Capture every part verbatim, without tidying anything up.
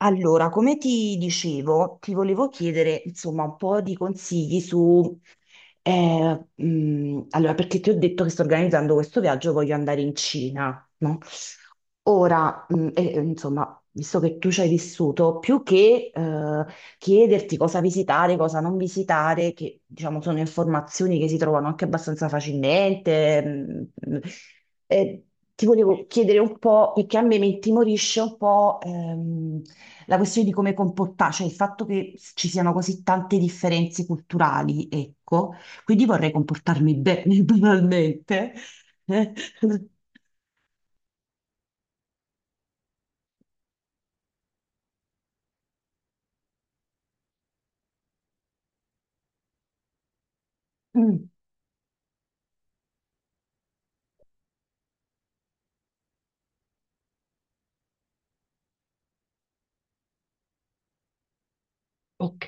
Allora, come ti dicevo, ti volevo chiedere insomma un po' di consigli su, eh, mh, allora, perché ti ho detto che sto organizzando questo viaggio, voglio andare in Cina, no? Ora, mh, e- e, insomma, visto che tu ci hai vissuto, più che eh, chiederti cosa visitare, cosa non visitare, che diciamo sono informazioni che si trovano anche abbastanza facilmente. mh, mh. Eh, Ti volevo chiedere un po', perché a me mi intimorisce un po' ehm, la questione di come comportarsi, cioè il fatto che ci siano così tante differenze culturali, ecco, quindi vorrei comportarmi bene, banalmente. Eh. Mm, ok,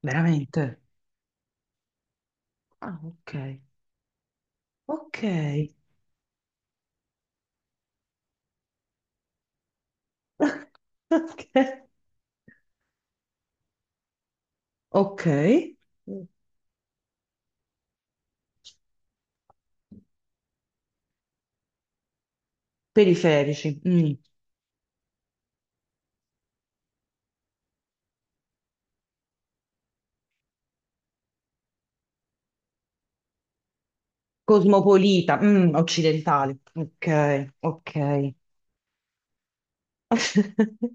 veramente. Ah, ok. Ok. Ok. Ok. Mm. Periferici, mm. Cosmopolita, mm, occidentale, ok, ok.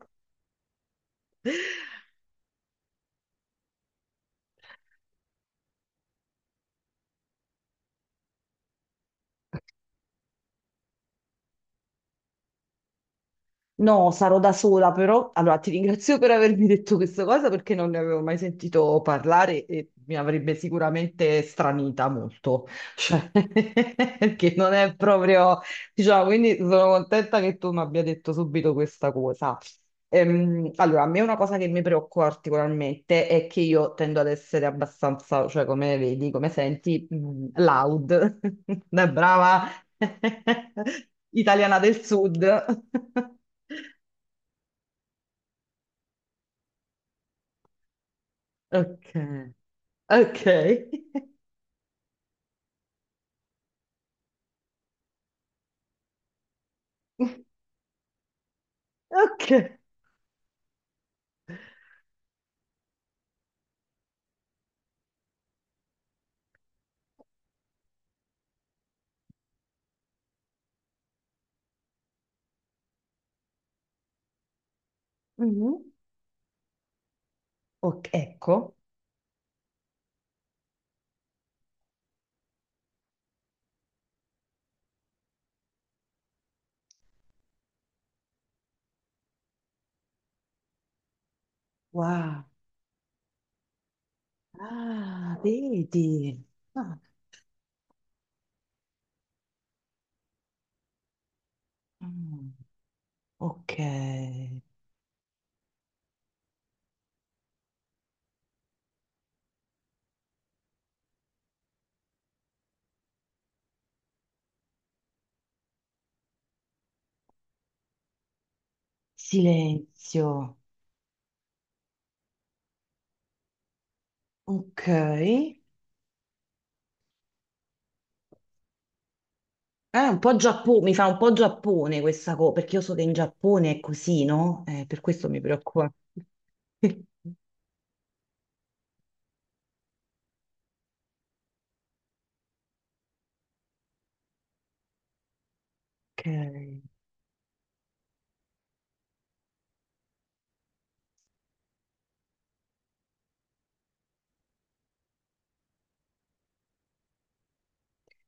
No, sarò da sola, però allora ti ringrazio per avermi detto questa cosa perché non ne avevo mai sentito parlare e mi avrebbe sicuramente stranita molto, cioè, perché non è proprio, diciamo, quindi sono contenta che tu mi abbia detto subito questa cosa. Ehm, allora, a me una cosa che mi preoccupa particolarmente è che io tendo ad essere abbastanza, cioè come vedi, come senti, mh, loud, da brava italiana del sud. Ok, ok, ok. Mhm. Ok, ecco, wow, ah, vedi, ah, mm. Ok, silenzio, ok. Ah, un po' Giappone, mi fa un po' Giappone questa cosa, perché io so che in Giappone è così, no? Eh, per questo mi preoccupa. Ok,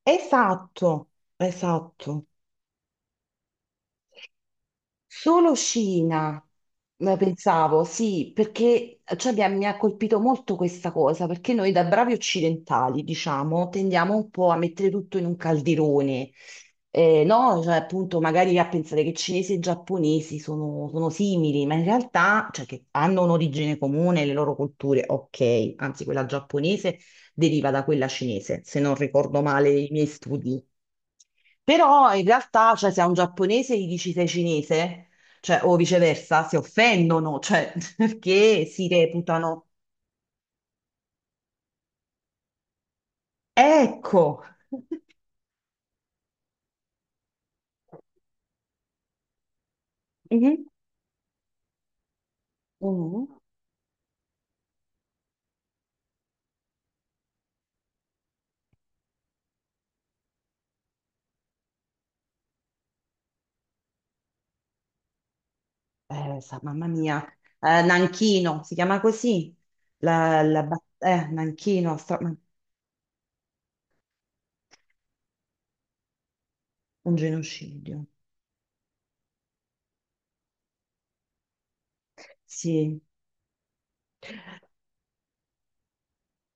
esatto, esatto. Solo Scina, eh, pensavo, sì, perché cioè, mi ha, mi ha colpito molto questa cosa, perché noi da bravi occidentali, diciamo, tendiamo un po' a mettere tutto in un calderone, eh, no? Cioè, appunto, magari a pensare che cinesi e giapponesi sono, sono simili, ma in realtà, cioè, che hanno un'origine comune, le loro culture, ok, anzi quella giapponese deriva da quella cinese, se non ricordo male i miei studi. Però in realtà, cioè, se a un giapponese gli dici sei cinese, cioè, o viceversa, si offendono, cioè, perché si reputano. Ecco. Mhm. Mhm. Eh, sa- mamma mia. Eh, Nanchino, si chiama così? La, la bat- eh, Nanchino, sta- ma- Un genocidio. Sì,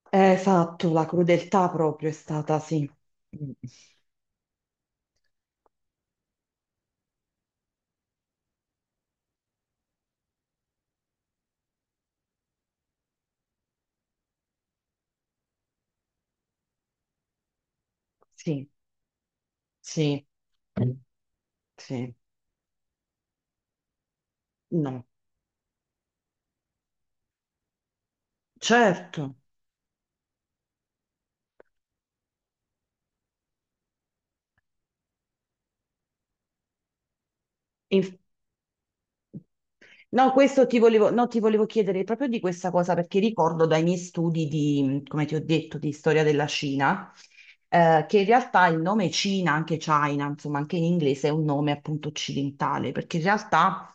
Eh, esatto, la crudeltà proprio è stata, sì. Mm. Sì, sì, sì, no, certo. No, questo ti volevo, no, ti volevo chiedere proprio di questa cosa perché ricordo dai miei studi di, come ti ho detto, di storia della Cina, eh, che in realtà il nome Cina, anche China, insomma, anche in inglese è un nome appunto occidentale, perché in realtà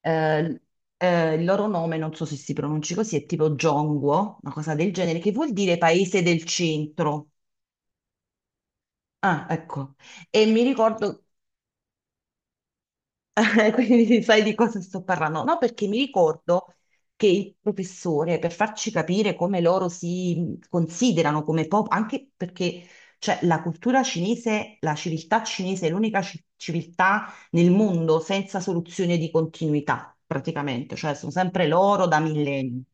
eh, eh, il loro nome, non so se si pronunci così, è tipo Zhongguo, una cosa del genere, che vuol dire paese del centro. Ah, ecco. E mi ricordo. Quindi sai di cosa sto parlando? No, perché mi ricordo che il professore, per farci capire come loro si considerano come popolo, anche perché cioè, la cultura cinese, la civiltà cinese è l'unica ci- civiltà nel mondo senza soluzione di continuità, praticamente, cioè sono sempre loro da millenni.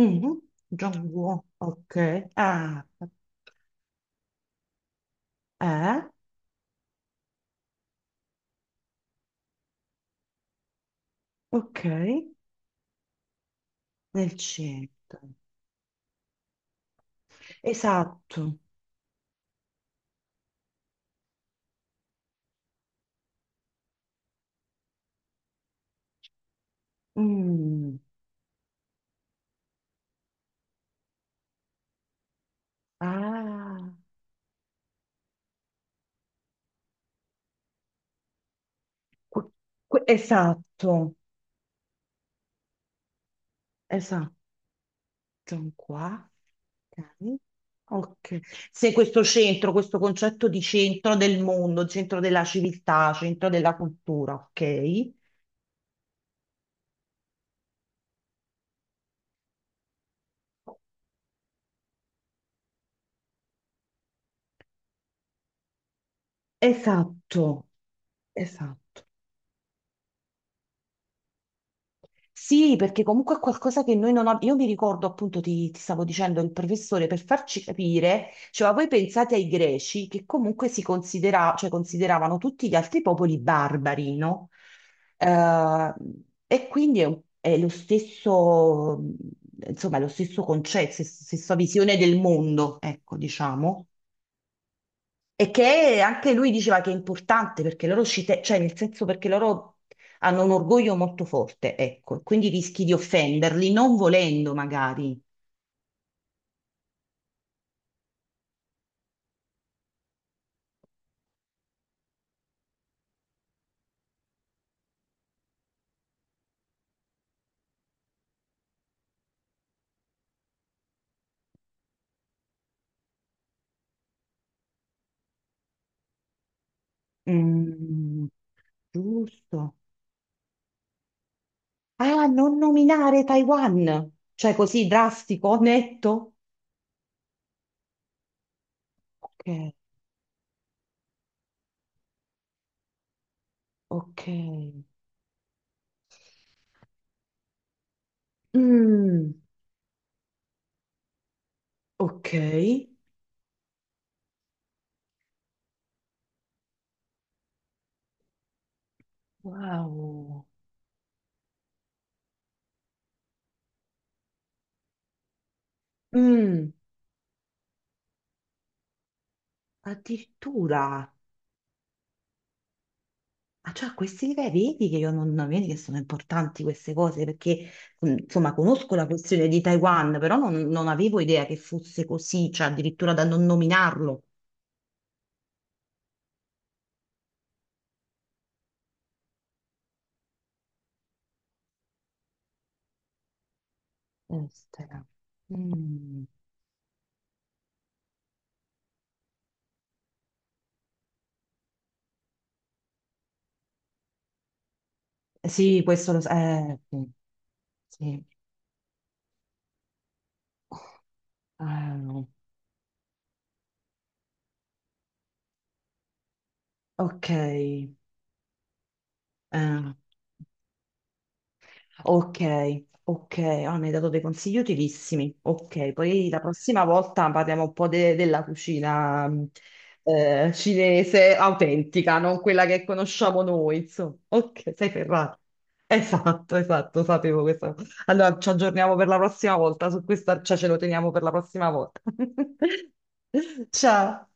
Mhm. Zhongguo, ok. Ah, eh, ok, nel centro. Esatto. Mm. Ah. Qu- que- Esatto, esatto, qua. Ok. Ok. Se questo centro, questo concetto di centro del mondo, centro della civiltà, centro della cultura, ok? Esatto, esatto. Sì, perché comunque è qualcosa che noi non abbiamo. Io mi ricordo, appunto, ti, ti stavo dicendo, il professore per farci capire, cioè, ma voi pensate ai greci che comunque si considera- cioè, consideravano tutti gli altri popoli barbari, no? Eh, e quindi è, un- è lo stesso, insomma, è lo stesso concetto, stes- stessa visione del mondo, ecco, diciamo. E che anche lui diceva che è importante perché loro ci te- cioè nel senso perché loro hanno un orgoglio molto forte, ecco, e quindi rischi di offenderli non volendo magari. Mm, giusto. Ah, non nominare Taiwan, cioè così drastico, netto. Ok, ok. Mm, ok. Wow. Mm, addirittura. Ah, cioè, a questi livelli, vedi che io non, non- vedi che sono importanti queste cose perché, mm, insomma, conosco la questione di Taiwan, però non, non avevo idea che fosse così, cioè addirittura da non nominarlo. Estera. Mm. Sì, questo lo sa. Eh, sì. Sì. Ah, ok. Eh, Ok, ok, ah, mi hai dato dei consigli utilissimi. Ok, poi la prossima volta parliamo un po' de- della cucina mh, eh, cinese autentica, non quella che conosciamo noi, insomma. Ok, sei ferrato. Esatto, esatto, sapevo questo. Allora ci aggiorniamo per la prossima volta su questa, cioè ce lo teniamo per la prossima volta. Ciao.